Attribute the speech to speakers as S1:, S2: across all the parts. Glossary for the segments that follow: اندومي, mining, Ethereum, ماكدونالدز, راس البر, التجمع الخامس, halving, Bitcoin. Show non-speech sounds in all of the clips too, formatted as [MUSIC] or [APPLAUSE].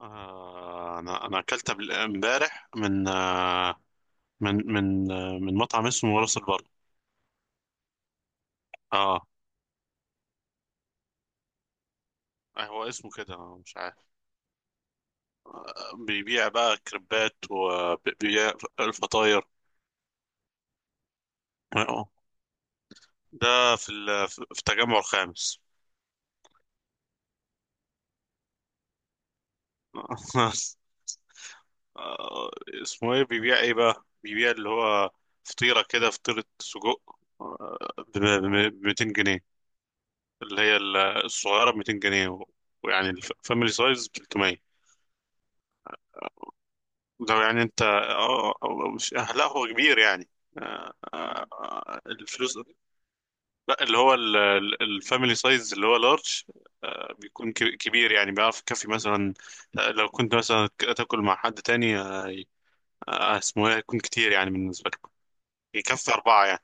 S1: انا اكلت امبارح من من مطعم اسمه راس البر. اه، هو اسمه كده أنا مش عارف. بيبيع بقى كريبات وبيبيع الفطاير. آه، ده في في التجمع الخامس. [LAUGHS] آه، اسمه ايه، بيبيع ايه بقى؟ بيبيع اللي هو فطيرة كده، فطيرة سجق ب 200 جنيه، اللي هي الصغيرة ب 200 جنيه، ويعني الفاميلي سايز ب 300. لو يعني انت مش لا هو كبير يعني. اه، الفلوس. لا اللي هو الفاميلي سايز اللي هو لارج، بيكون كبير يعني، بيعرف يكفي مثلا اه، لو كنت مثلا تاكل مع حد تاني اسمه ايه، هيكون كتير يعني بالنسبة لكم. يكفي أربعة يعني.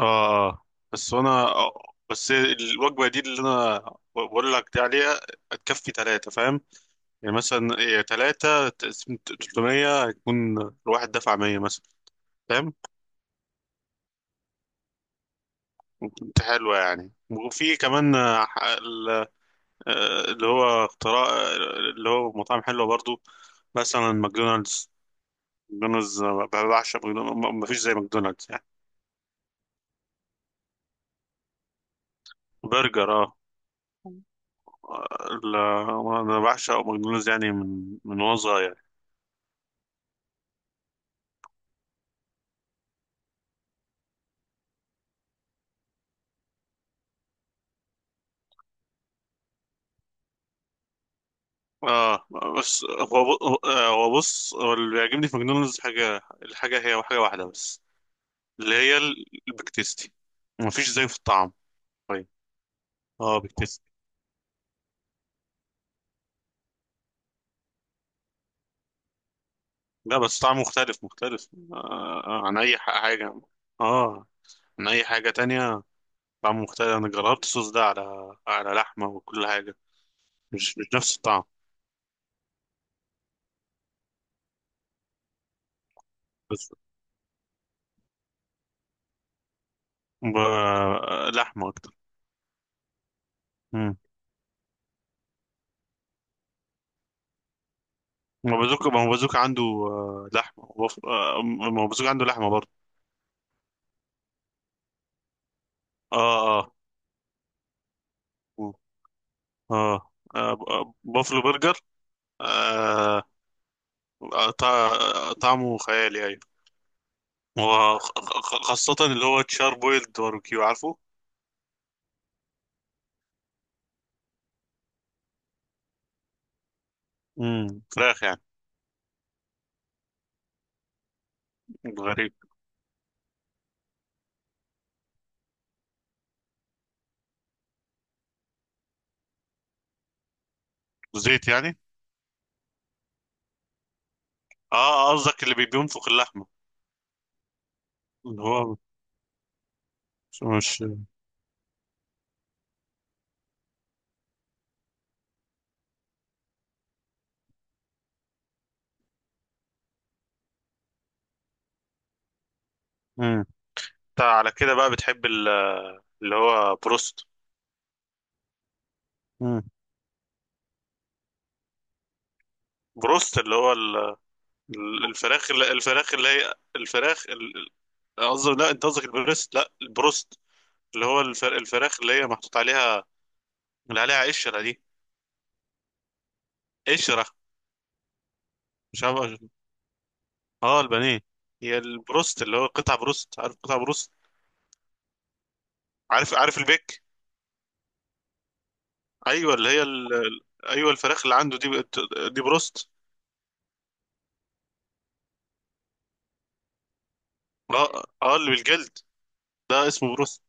S1: اه، بس انا بس الوجبة دي اللي انا بقول لك دي عليها تكفي ثلاثة، فاهم؟ يعني مثلا ثلاثة 300 هيكون الواحد دفع 100 مثلا، فاهم؟ كنت حلوة يعني، وفي كمان اللي هو اختراع، اللي هو مطاعم حلوة برضو، مثلا ماكدونالدز. ماكدونالدز بعشق ماكدونالدز، ما فيش زي ماكدونالدز يعني. برجر اه. ال- انا بعشق ماكدونالدز يعني من وانا صغير. اه، بس هو هو بص، هو اللي بيعجبني في ماكدونالدز حاجة، الحاجة هي حاجة واحدة بس، اللي هي البيك تيستي. ما فيش زي في الطعم. طيب. اه، بيك تيستي. لا، بس طعم مختلف مختلف. آه عن أي حاجة. اه، عن أي حاجة تانية، طعم مختلف. أنا جربت الصوص ده على على لحمة وكل حاجة، مش نفس الطعم. بس ب... لحمة أكتر. مم. ما بازوكا، ما هو بازوكا عنده لحمة وبف... آه، ما هو بازوكا عنده لحمة برضه. اه اه. مم. اه بافلو برجر. آه طعمه خيالي، أيوة. وخاصة اللي هو تشار بويلد باربيكيو، عارفه؟ فراخ يعني. غريب. زيت يعني. اه، قصدك اللي بينفخ اللحمه. اللي هو. مش. مم. انت على كده بقى بتحب اللي هو بروست. مم. بروست اللي هو الفراخ اللي الفراخ اللي هي الفراخ قصدي، لا، انت قصدك البريست، لا البروست، اللي هو الفراخ اللي هي محطوط عليها، اللي عليها قشرة دي. قشرة. مش عارف. اه، البانيه. هي البروست اللي هو قطع بروست، عارف قطع بروست؟ عارف، عارف البيك. ايوه، اللي هي ايوه الفراخ اللي عنده دي، دي بروست. اه اه، اللي بالجلد. ده اسمه بروست.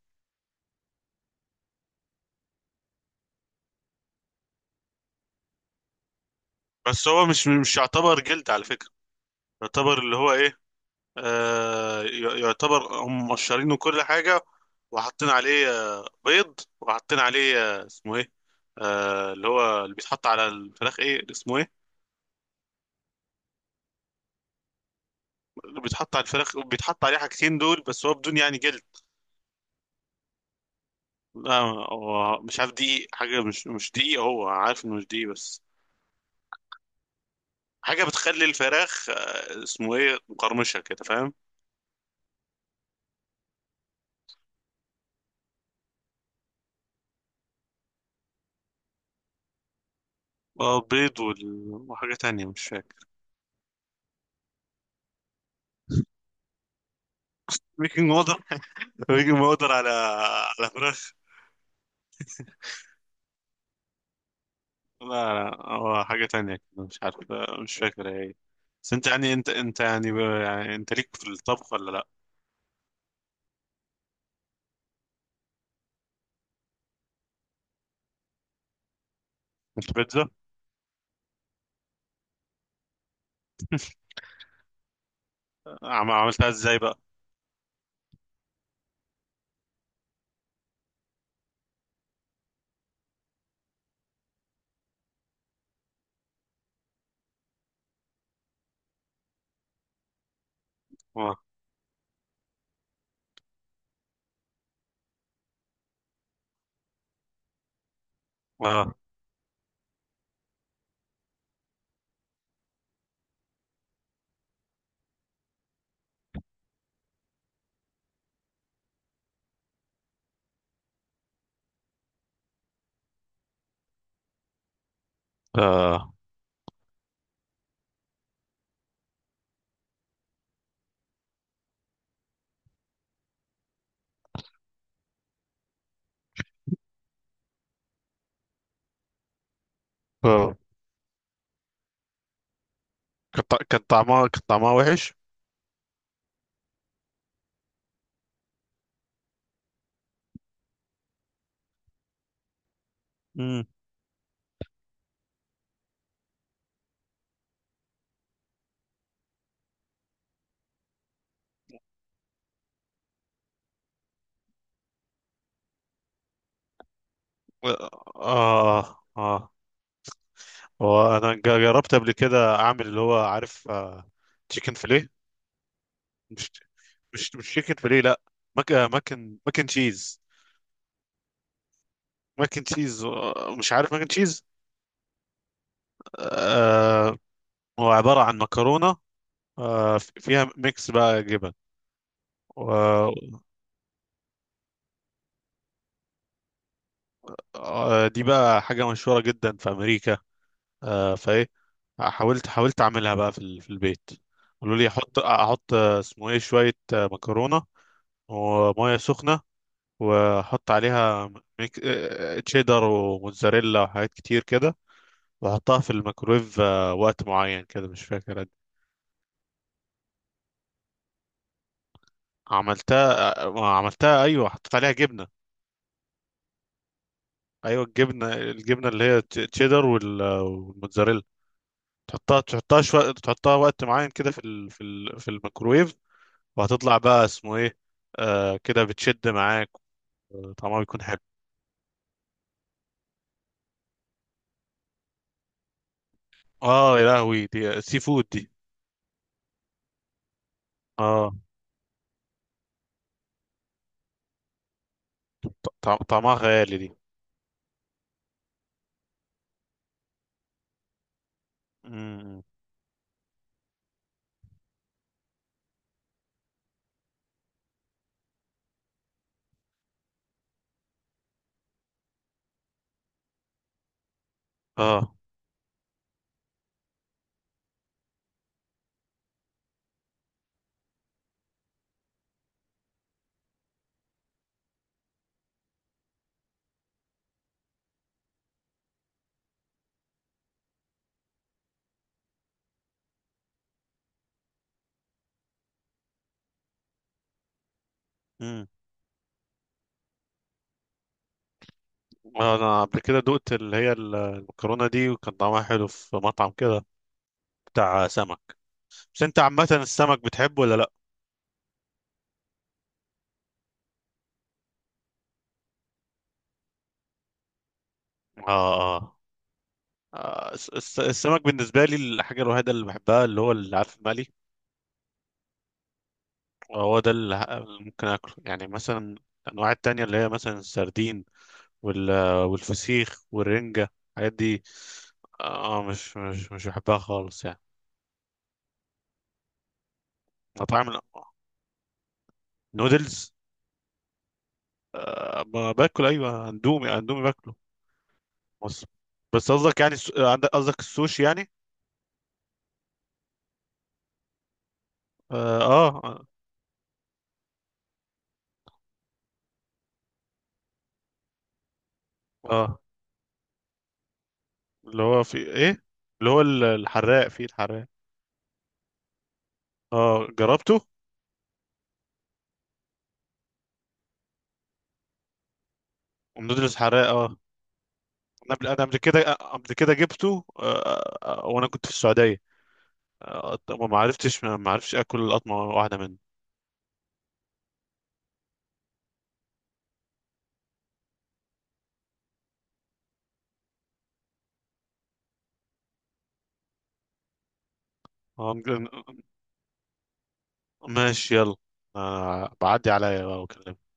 S1: بس هو مش يعتبر جلد على فكرة، يعتبر اللي هو ايه، يعتبر هم مقشرينه كل حاجة، وحاطين عليه بيض وحاطين عليه اسمه ايه، اللي هو اللي بيتحط على الفراخ، ايه اسمه ايه، اللي بيتحط على الفراخ، بيتحط عليه حاجتين دول بس، هو بدون يعني جلد. لا هو مش عارف دقيق حاجة، مش دقيق، هو عارف انه مش دقيق بس. حاجة بتخلي الفراخ اسمه ايه مقرمشة كده، فاهم؟ اه بيض وحاجة تانية مش فاكر. بيكنج باودر. [LAUGHS] بيكنج باودر على على فراخ. لا، لا هو حاجة تانية كده مش عارف، مش فاكر هي إيه. بس انت يعني انت يعني انت ليك في الطبخ ولا لا؟ انت بيتزا. عملتها ازاي بقى؟ اه اه اه. آه. كان طعمها وحش؟ امم. اه اه. وانا جربت قبل كده اعمل اللي هو، عارف تشيكن فيليه؟ مش مش مش تشيكن فيليه لا، مك مكن مكن تشيز. مكن تشيز مش عارف مكن تشيز. آه. هو عبارة عن مكرونة فيها ميكس بقى جبن. و- دي بقى حاجة مشهورة جدا في أمريكا. آه فإيه، حاولت أعملها بقى في في البيت. قالوا لي أحط اسمه إيه، شوية مكرونة ومية سخنة واحط عليها ميك... آه، آه، تشيدر وموتزاريلا وحاجات كتير كده، واحطها في الميكرويف وقت معين كده، مش فاكر عملتها آه، ما عملتها ايوه، حطيت عليها جبنه. ايوه الجبنه، اللي هي تشيدر والموتزاريلا. تحطها شويه، تحطها وقت معين كده في ال... في ال... في الميكرويف، وهتطلع بقى اسمه ايه، كده بتشد معاك، طعمها بيكون حلو. اه يا لهوي، دي سي فود دي. اه، طعمها خيالي دي. مم. اه. امم. انا قبل كده دقت اللي هي المكرونه دي، وكان طعمها حلو في مطعم كده بتاع سمك. بس انت عامه السمك بتحبه ولا لا؟ اه اه. السمك بالنسبه لي الحاجه الوحيده اللي بحبها اللي هو، اللي عارف المقلي، هو ده اللي اللي ممكن اكله يعني. مثلا الانواع التانية اللي هي مثلا السردين وال والفسيخ والرنجه الحاجات دي، اه مش مش مش بحبها خالص يعني. طعم النودلز. باكل ايوه، اندومي باكله. بص، بس قصدك يعني عندك قصدك السوشي يعني؟ اه اه، آه. آه. اللي هو في ايه، اللي هو الحراق. في الحراق، اه جربته. ومدرس حراق اه. انا قبل، انا قبل كده قبل كده جبته وانا كنت في السعوديه. آه، ما عرفتش اكل قطمه واحده منه. آه ماشي يلا. آه بعدي عليا بقى واكلمك.